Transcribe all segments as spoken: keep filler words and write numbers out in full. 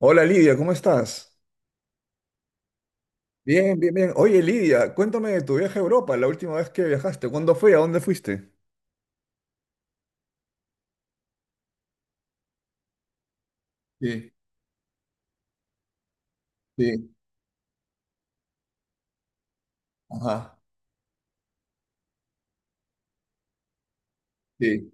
Hola Lidia, ¿cómo estás? Bien, bien, bien. Oye Lidia, cuéntame de tu viaje a Europa, la última vez que viajaste. ¿Cuándo fue? ¿A dónde fuiste? Sí, sí, ajá, sí,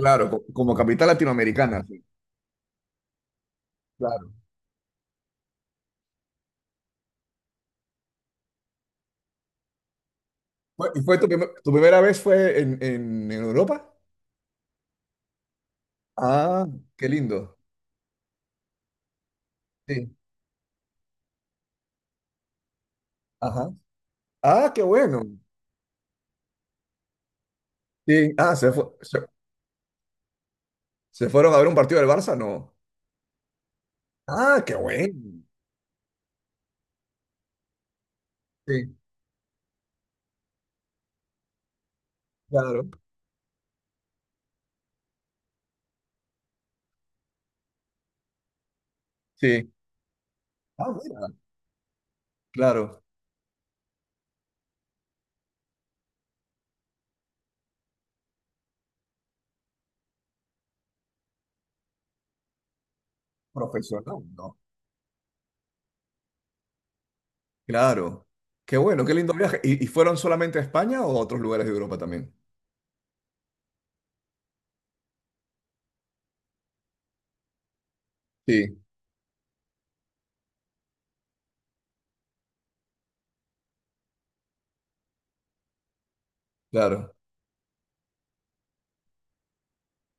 Claro, co- como capital latinoamericana. Sí, claro. Fue- ¿Y fue tu, primer- tu primera vez fue en, en- en Europa? Ah, qué lindo. Sí, ajá. Ah, qué bueno. Sí, ah, ¿se, fu- se, ¿se fueron a ver un partido del Barça? No. Ah, qué bueno. Sí, claro. Sí. Ah, mira, claro. Profesional, ¿no? Claro. Qué bueno, qué lindo viaje. ¿Y, y fueron solamente a España o a otros lugares de Europa también? Sí, claro.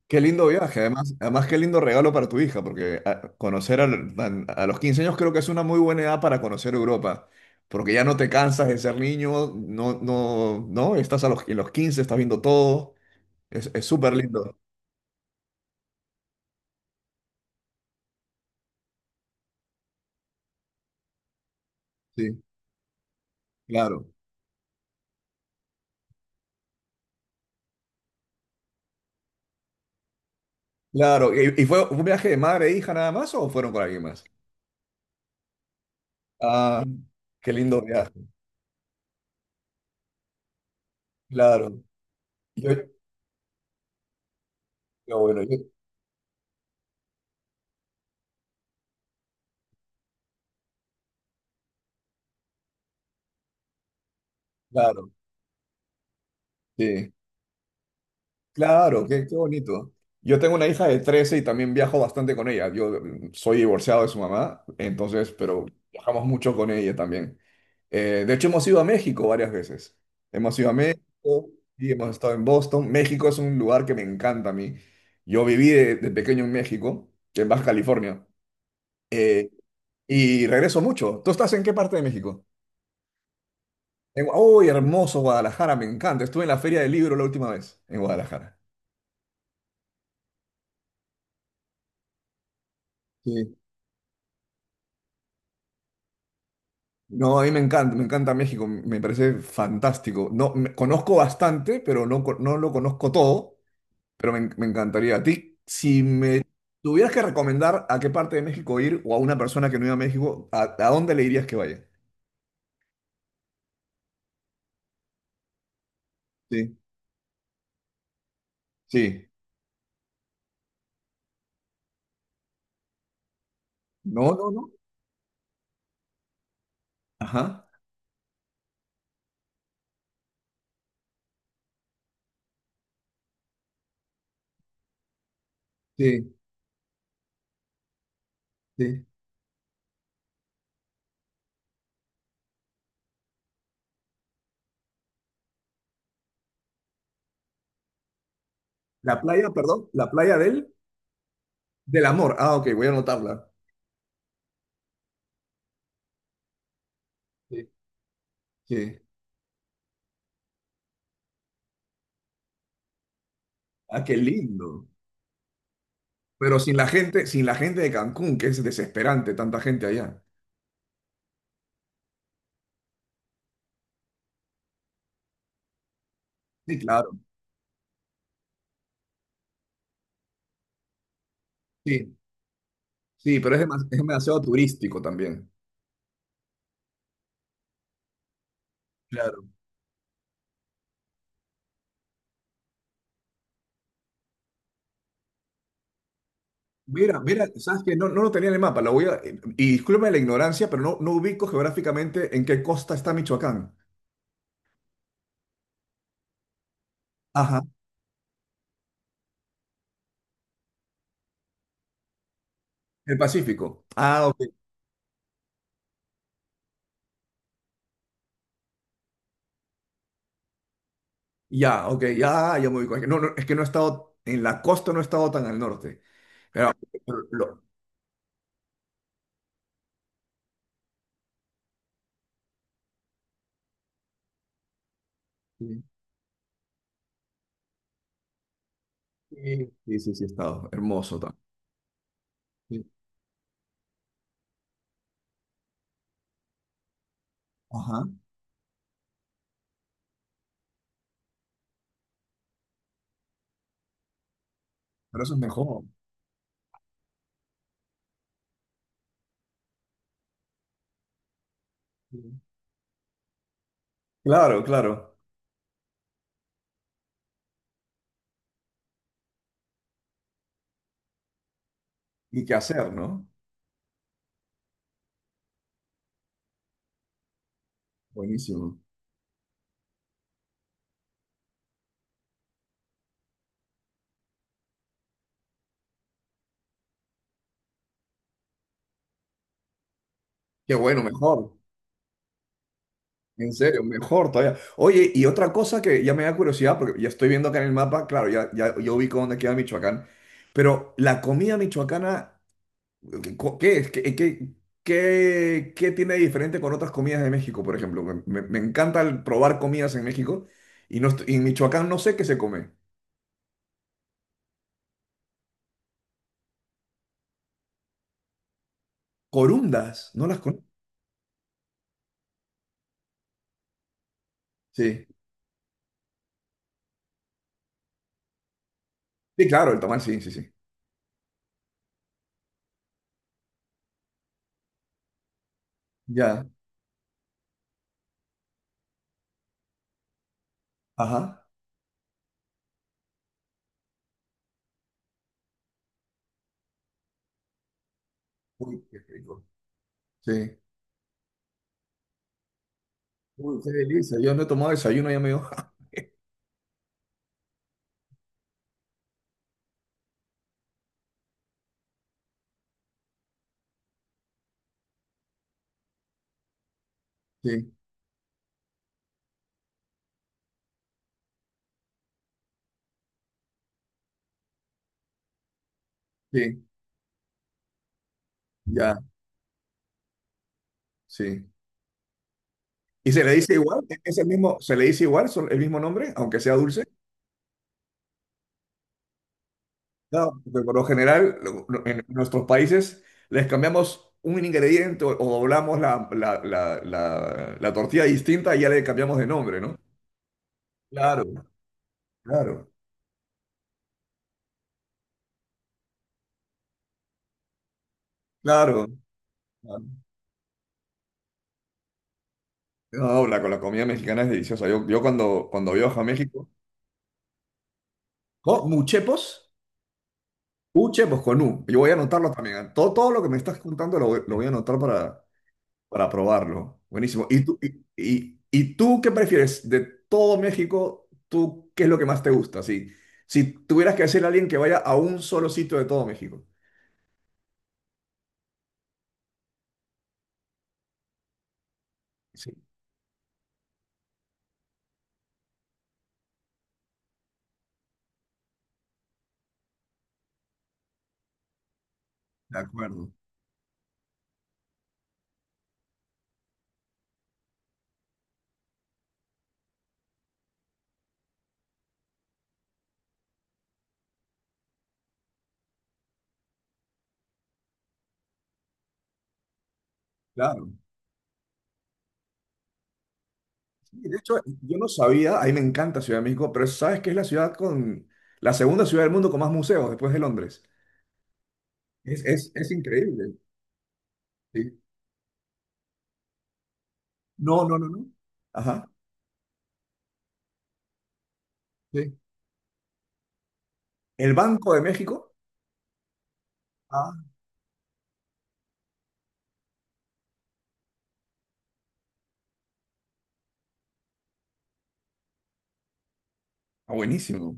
Qué lindo viaje, además, además qué lindo regalo para tu hija, porque a- conocer al- tan- a, los quince años creo que es una muy buena edad para conocer Europa, porque ya no te cansas de ser niño, no, no, no, estás a los, en los quince, estás viendo todo, es, es súper lindo, sí, claro, claro. ¿Y, y fue un viaje de madre e hija nada más o fueron con alguien más? Ah, qué lindo viaje, claro. Yo, yo, bueno, yo- claro. Sí, claro, qué, qué bonito. Yo tengo una hija de trece y también viajo bastante con ella. Yo mm, soy divorciado de su mamá, entonces, pero viajamos mucho con ella también. Eh, de hecho, hemos ido a México varias veces. Hemos ido a México y hemos estado en Boston. México es un lugar que me encanta a mí. Yo viví de, de pequeño en México, en Baja California, eh, y regreso mucho. ¿Tú estás en qué parte de México? En Gua- ¡Uy, hermoso Guadalajara! Me encanta. Estuve en la Feria del Libro la última vez en Guadalajara. Sí. No, a mí me encanta, me encanta México, me parece fantástico. No, me- conozco bastante, pero no, co- no lo conozco todo, pero me, en- me encantaría. A ti, si me tuvieras que recomendar a qué parte de México ir o a una persona que no iba a México, ¿a, a dónde le dirías que vaya? Sí, sí. No, no, no. Ajá. Sí, sí. La playa, perdón, la playa del, del amor. Ah, ok, voy a anotarla. Sí, sí. Ah, qué lindo. Pero sin la gente, sin la gente de Cancún, que es desesperante, tanta gente allá. Sí, claro. Sí, sí, pero es demas- es demasiado turístico también. Claro. Mira, mira, sabes que no, no lo tenía en el mapa, lo voy a, y discúlpame la ignorancia, pero no, no ubico geográficamente en qué costa está Michoacán. Ajá, el Pacífico. Ah, ok, ya, ok, ya, ya me ubico. Es que no, no, es que no he estado, en la costa no he estado tan al norte. Pero, pero lo- sí, sí, sí, sí, he estado, hermoso también. Sí. Ajá, pero eso es mejor. Sí. Claro, claro. Y qué hacer, ¿no? Buenísimo. Qué bueno, mejor. En serio, mejor todavía. Oye, y otra cosa que ya me da curiosidad, porque ya estoy viendo acá en el mapa, claro, ya, ya yo ubico dónde queda Michoacán, pero la comida michoacana, co- ¿qué es? ¿Qué, qué, qué, ¿qué tiene de diferente con otras comidas de México, por ejemplo? Me, me- me encanta el probar comidas en México y, no, estoy- y en Michoacán no sé qué se come. Corundas, ¿no las conozco? Sí, sí, claro, el tamal, sí, sí, sí. Ya, ajá. Uy, qué rico. Sí. Uy, qué delicia. Yo no he tomado desayuno, ya me dio. Sí, sí, ya. Sí. ¿Y se le dice igual? ¿Es el mismo, se le dice igual, son- el mismo nombre, aunque sea dulce? No, porque por lo general lo- lo- en nuestros países les cambiamos un ingrediente o, o doblamos la, la, la, la, la tortilla distinta y ya le cambiamos de nombre, ¿no? Claro, claro, claro, claro. No, la, la comida mexicana es deliciosa. Yo, yo cuando, cuando viajo a México, ¿no? Muchepos, muchepos con U. Yo voy a anotarlo también, ¿eh? Todo, todo lo que me estás contando lo, voy- lo voy a anotar para para probarlo. Buenísimo. ¿Y tú, y, y- ¿y tú qué prefieres de todo México? ¿Tú qué es lo que más te gusta? Si, si tuvieras que decirle a alguien que vaya a un solo sitio de todo México. Sí, de acuerdo. Claro. Sí, de hecho, yo no sabía, a mí me encanta Ciudad de México, pero sabes que es la ciudad con la segunda ciudad del mundo con más museos después de Londres. Es, es, es increíble. Sí. No, no, no, no. Ajá. Sí. El Banco de México. Ah, buenísimo.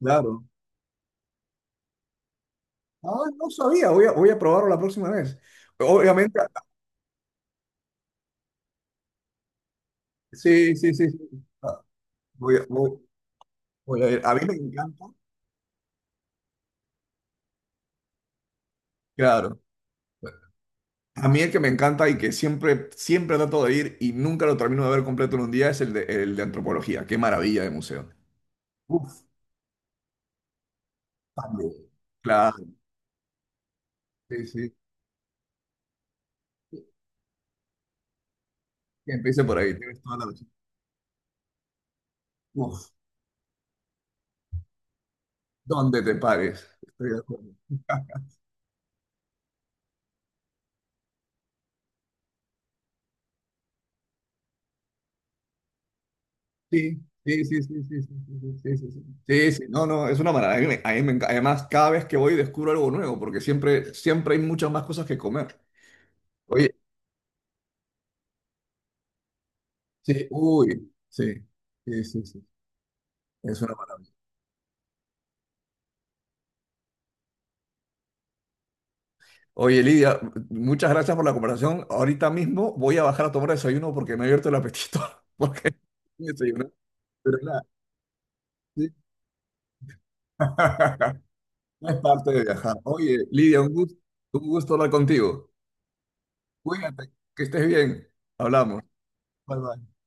Claro. Ah, no sabía, voy a, voy a probarlo la próxima vez. Obviamente, sí, sí, sí, sí. Ah, Voy a, voy- voy a ir. A mí me encanta, claro. A mí el que me encanta y que siempre, siempre trato de ir y nunca lo termino de ver completo en un día es el de, el de antropología. Qué maravilla de museo. Uf, también. Claro, sí, sí. Que empiece por ahí, tienes toda la razón. Uf, ¿dónde te pares? Estoy de acuerdo. Sí, sí, sí, sí, sí, sí, sí, sí, sí, sí, sí, sí, sí, no, no, es una maravilla. A mí me- a mí me enca- además, cada vez que voy descubro algo nuevo, porque siempre, siempre hay muchas más cosas que comer. Oye, sí, uy, sí, sí, sí, sí, es una maravilla. Oye, Lidia, muchas gracias por la conversación. Ahorita mismo voy a bajar a tomar desayuno porque me ha abierto el apetito, porque me desayuné, pero nada, sí. Es parte de viajar. Oye, Lidia, un gusto, un gusto hablar contigo. Cuídate, que estés bien. Hablamos. Bye, bye.